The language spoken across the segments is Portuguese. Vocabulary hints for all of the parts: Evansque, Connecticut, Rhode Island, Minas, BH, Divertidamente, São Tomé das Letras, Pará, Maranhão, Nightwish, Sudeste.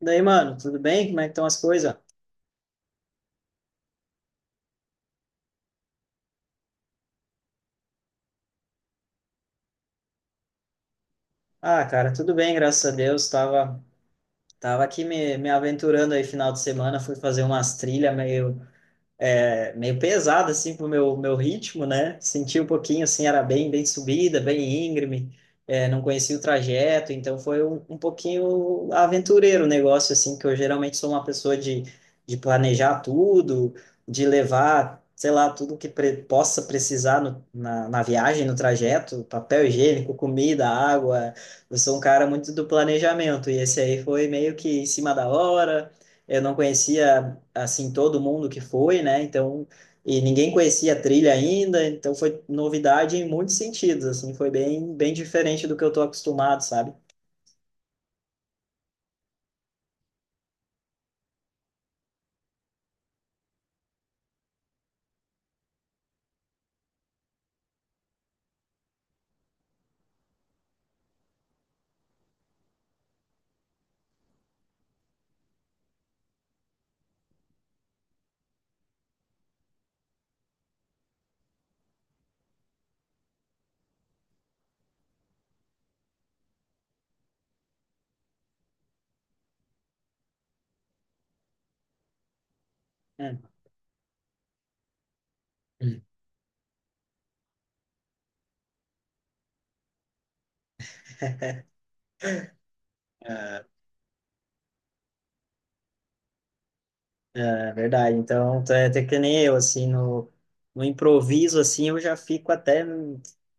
Daí, mano, tudo bem? Como é que estão as coisas? Ah, cara, tudo bem, graças a Deus. Tava aqui me aventurando aí final de semana, fui fazer umas trilhas meio pesado assim pro meu ritmo, né? Senti um pouquinho assim, era bem subida, bem íngreme, não conhecia o trajeto, então foi um pouquinho aventureiro o negócio assim, que eu geralmente sou uma pessoa de planejar tudo, de levar, sei lá, tudo que pre possa precisar na viagem, no trajeto, papel higiênico, comida, água. Eu sou um cara muito do planejamento e esse aí foi meio que em cima da hora. Eu não conhecia assim, todo mundo que foi, né? Então, e ninguém conhecia a trilha ainda, então foi novidade em muitos sentidos, assim, foi bem, bem diferente do que eu tô acostumado, sabe? Hum. É, é verdade. Então, tu é até que nem eu, assim, no improviso, assim, eu já fico até,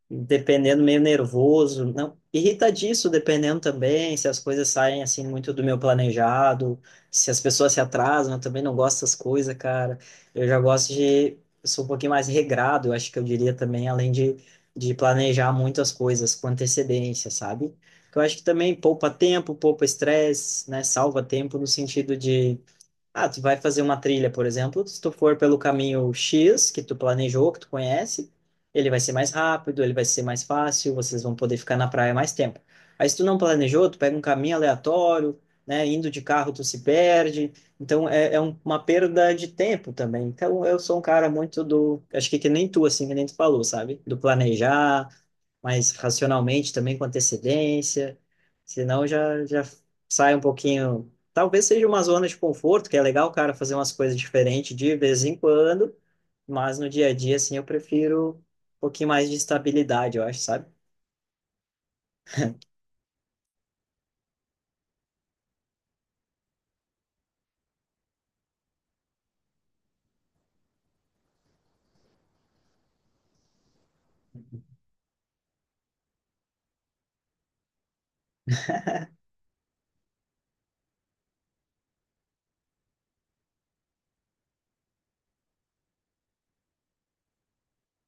dependendo, meio nervoso. Não, irrita disso, dependendo também, se as coisas saem, assim, muito do meu planejado, se as pessoas se atrasam, eu também não gosto dessas coisas, cara. Eu já gosto de, eu sou um pouquinho mais regrado, eu acho que eu diria também, além de planejar muitas coisas com antecedência, sabe? Que eu acho que também poupa tempo, poupa estresse, né? Salva tempo no sentido de ah, tu vai fazer uma trilha, por exemplo, se tu for pelo caminho X, que tu planejou, que tu conhece, ele vai ser mais rápido, ele vai ser mais fácil, vocês vão poder ficar na praia mais tempo. Aí se tu não planejou, tu pega um caminho aleatório, né, indo de carro tu se perde, então é uma perda de tempo também. Então eu sou um cara muito do, acho que nem tu, assim, que nem tu falou, sabe? Do planejar, mas racionalmente também com antecedência, senão já sai um pouquinho. Talvez seja uma zona de conforto, que é legal o cara fazer umas coisas diferentes de vez em quando, mas no dia a dia, assim, eu prefiro um pouquinho mais de estabilidade, eu acho, sabe?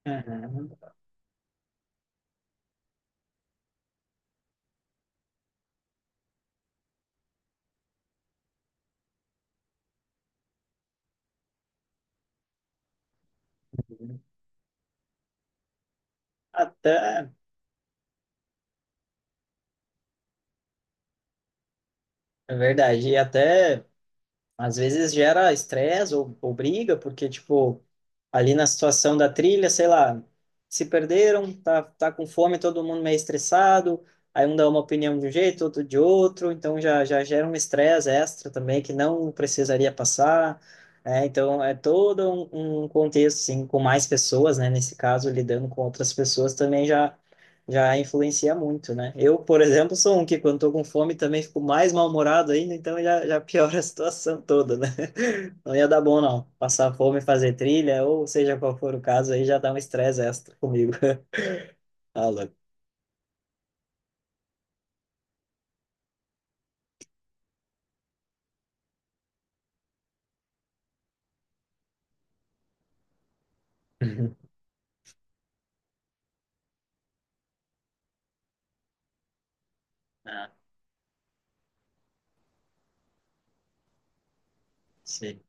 Uhum. Até, é verdade, e até. Às vezes gera estresse ou briga, porque, tipo, ali na situação da trilha, sei lá, se perderam, tá com fome, todo mundo meio estressado, aí um dá uma opinião de um jeito, outro de outro, então já gera um estresse extra também que não precisaria passar, né? Então é todo um contexto, assim, com mais pessoas, né? Nesse caso, lidando com outras pessoas também já influencia muito, né? Eu, por exemplo, sou um que quando tô com fome também fico mais mal-humorado ainda, então já piora a situação toda, né? Não ia dar bom, não. Passar fome, fazer trilha, ou seja qual for o caso, aí já dá um estresse extra comigo. Ah, louco. Uhum. Ah, sim.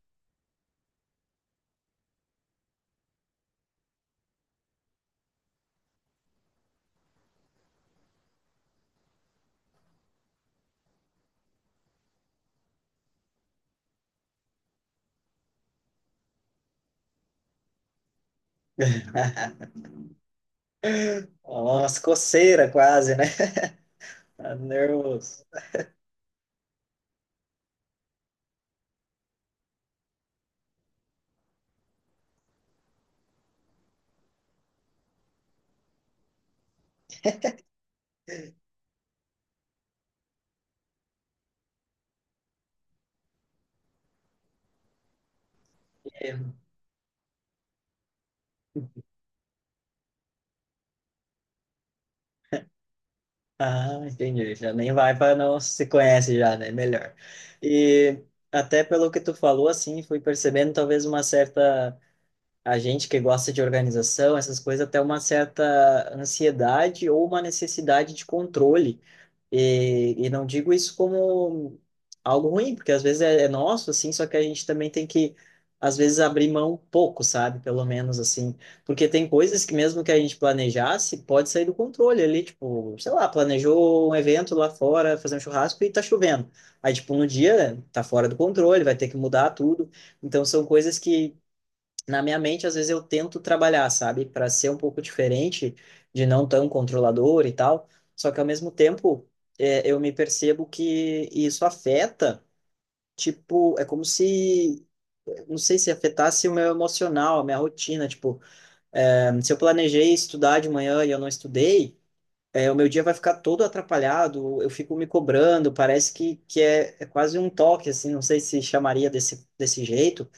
Ó, umas coceiras quase, né? Tá nervoso. Ah, entendi. Já nem vai para não se conhece já, né? Melhor. E até pelo que tu falou, assim, fui percebendo talvez uma certa a gente que gosta de organização, essas coisas, até uma certa ansiedade ou uma necessidade de controle. E não digo isso como algo ruim, porque às vezes é nosso, assim, só que a gente também tem que, às vezes, abrir mão um pouco, sabe? Pelo menos, assim. Porque tem coisas que, mesmo que a gente planejasse, pode sair do controle ali, tipo, sei lá, planejou um evento lá fora, fazer um churrasco e tá chovendo. Aí, tipo, no dia, né, tá fora do controle, vai ter que mudar tudo. Então, são coisas que na minha mente, às vezes eu tento trabalhar, sabe, para ser um pouco diferente, de não tão controlador e tal. Só que ao mesmo tempo, eu me percebo que isso afeta, tipo, é como se, não sei se afetasse o meu emocional, a minha rotina. Tipo, se eu planejei estudar de manhã e eu não estudei, o meu dia vai ficar todo atrapalhado, eu fico me cobrando, parece que é quase um toque, assim, não sei se chamaria desse jeito,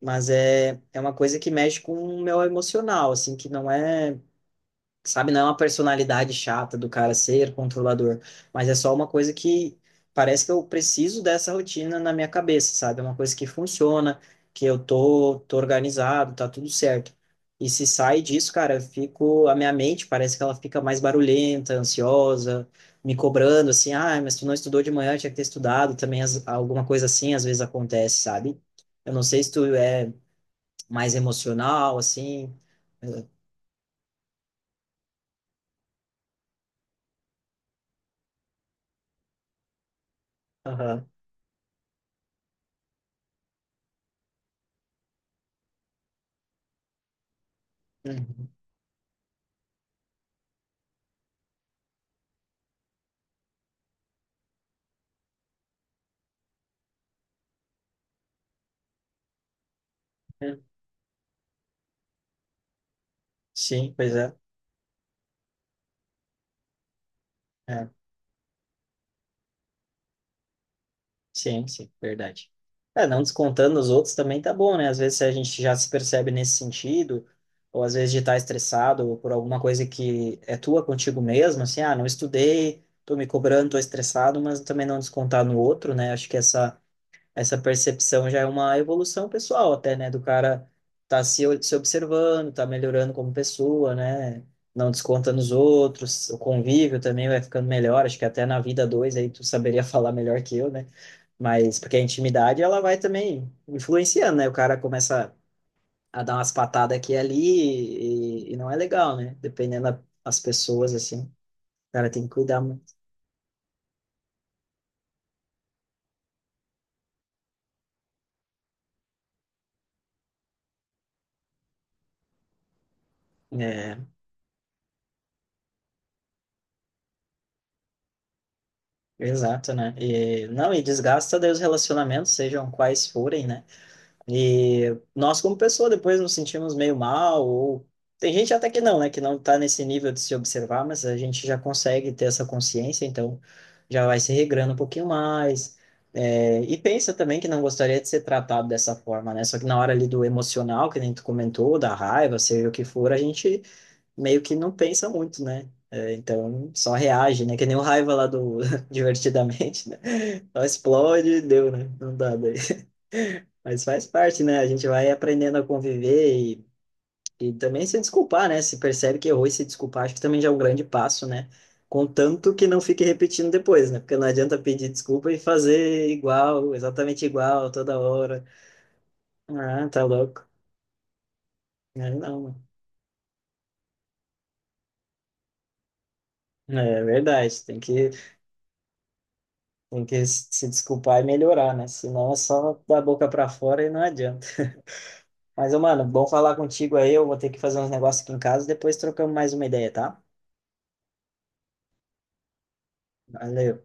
mas é uma coisa que mexe com o meu emocional, assim, que não é, sabe, não é uma personalidade chata do cara ser controlador, mas é só uma coisa que parece que eu preciso dessa rotina na minha cabeça, sabe? É uma coisa que funciona, que eu tô organizado, tá tudo certo. E se sai disso, cara, eu fico, a minha mente parece que ela fica mais barulhenta, ansiosa, me cobrando, assim, ah, mas tu não estudou de manhã, tinha que ter estudado, também alguma coisa assim às vezes acontece, sabe? Eu não sei se tu é mais emocional, assim. Eh, Aham. Uhum. É. Sim, pois é. É. Sim, sim, verdade. É, não descontando os outros também tá bom, né? Às vezes a gente já se percebe nesse sentido, ou às vezes de estar estressado ou por alguma coisa que é tua contigo mesmo, assim, ah, não estudei, tô me cobrando, tô estressado, mas também não descontar no outro, né? Acho que essa percepção já é uma evolução pessoal até, né? Do cara tá se observando, tá melhorando como pessoa, né? Não desconta nos outros, o convívio também vai ficando melhor, acho que até na vida dois aí tu saberia falar melhor que eu, né? Mas porque a intimidade ela vai também influenciando, né? O cara começa a dar umas patadas aqui e ali e não é legal, né? Dependendo das pessoas, assim, o cara tem que cuidar muito. É, exato, né? E, não, e desgasta daí os relacionamentos, sejam quais forem, né? E nós, como pessoa, depois nos sentimos meio mal, ou tem gente até que não, né, que não está nesse nível de se observar, mas a gente já consegue ter essa consciência, então já vai se regrando um pouquinho mais. É, e pensa também que não gostaria de ser tratado dessa forma, né? Só que na hora ali do emocional, que nem tu comentou, da raiva, seja o que for, a gente meio que não pensa muito, né? É, então só reage, né? Que nem o raiva lá do Divertidamente, né? Só explode, e deu, né? Não dá daí. Mas faz parte, né? A gente vai aprendendo a conviver e também se desculpar, né? Se percebe que errou e se desculpar, acho que também já é um grande passo, né? Contanto que não fique repetindo depois, né? Porque não adianta pedir desculpa e fazer igual, exatamente igual, toda hora. Ah, tá louco. Aí não, mano. É verdade, tem que, se desculpar e melhorar, né? Senão é só da boca pra fora e não adianta. Mas, ô, mano, bom falar contigo aí. Eu vou ter que fazer uns negócios aqui em casa, depois trocamos mais uma ideia, tá? Valeu.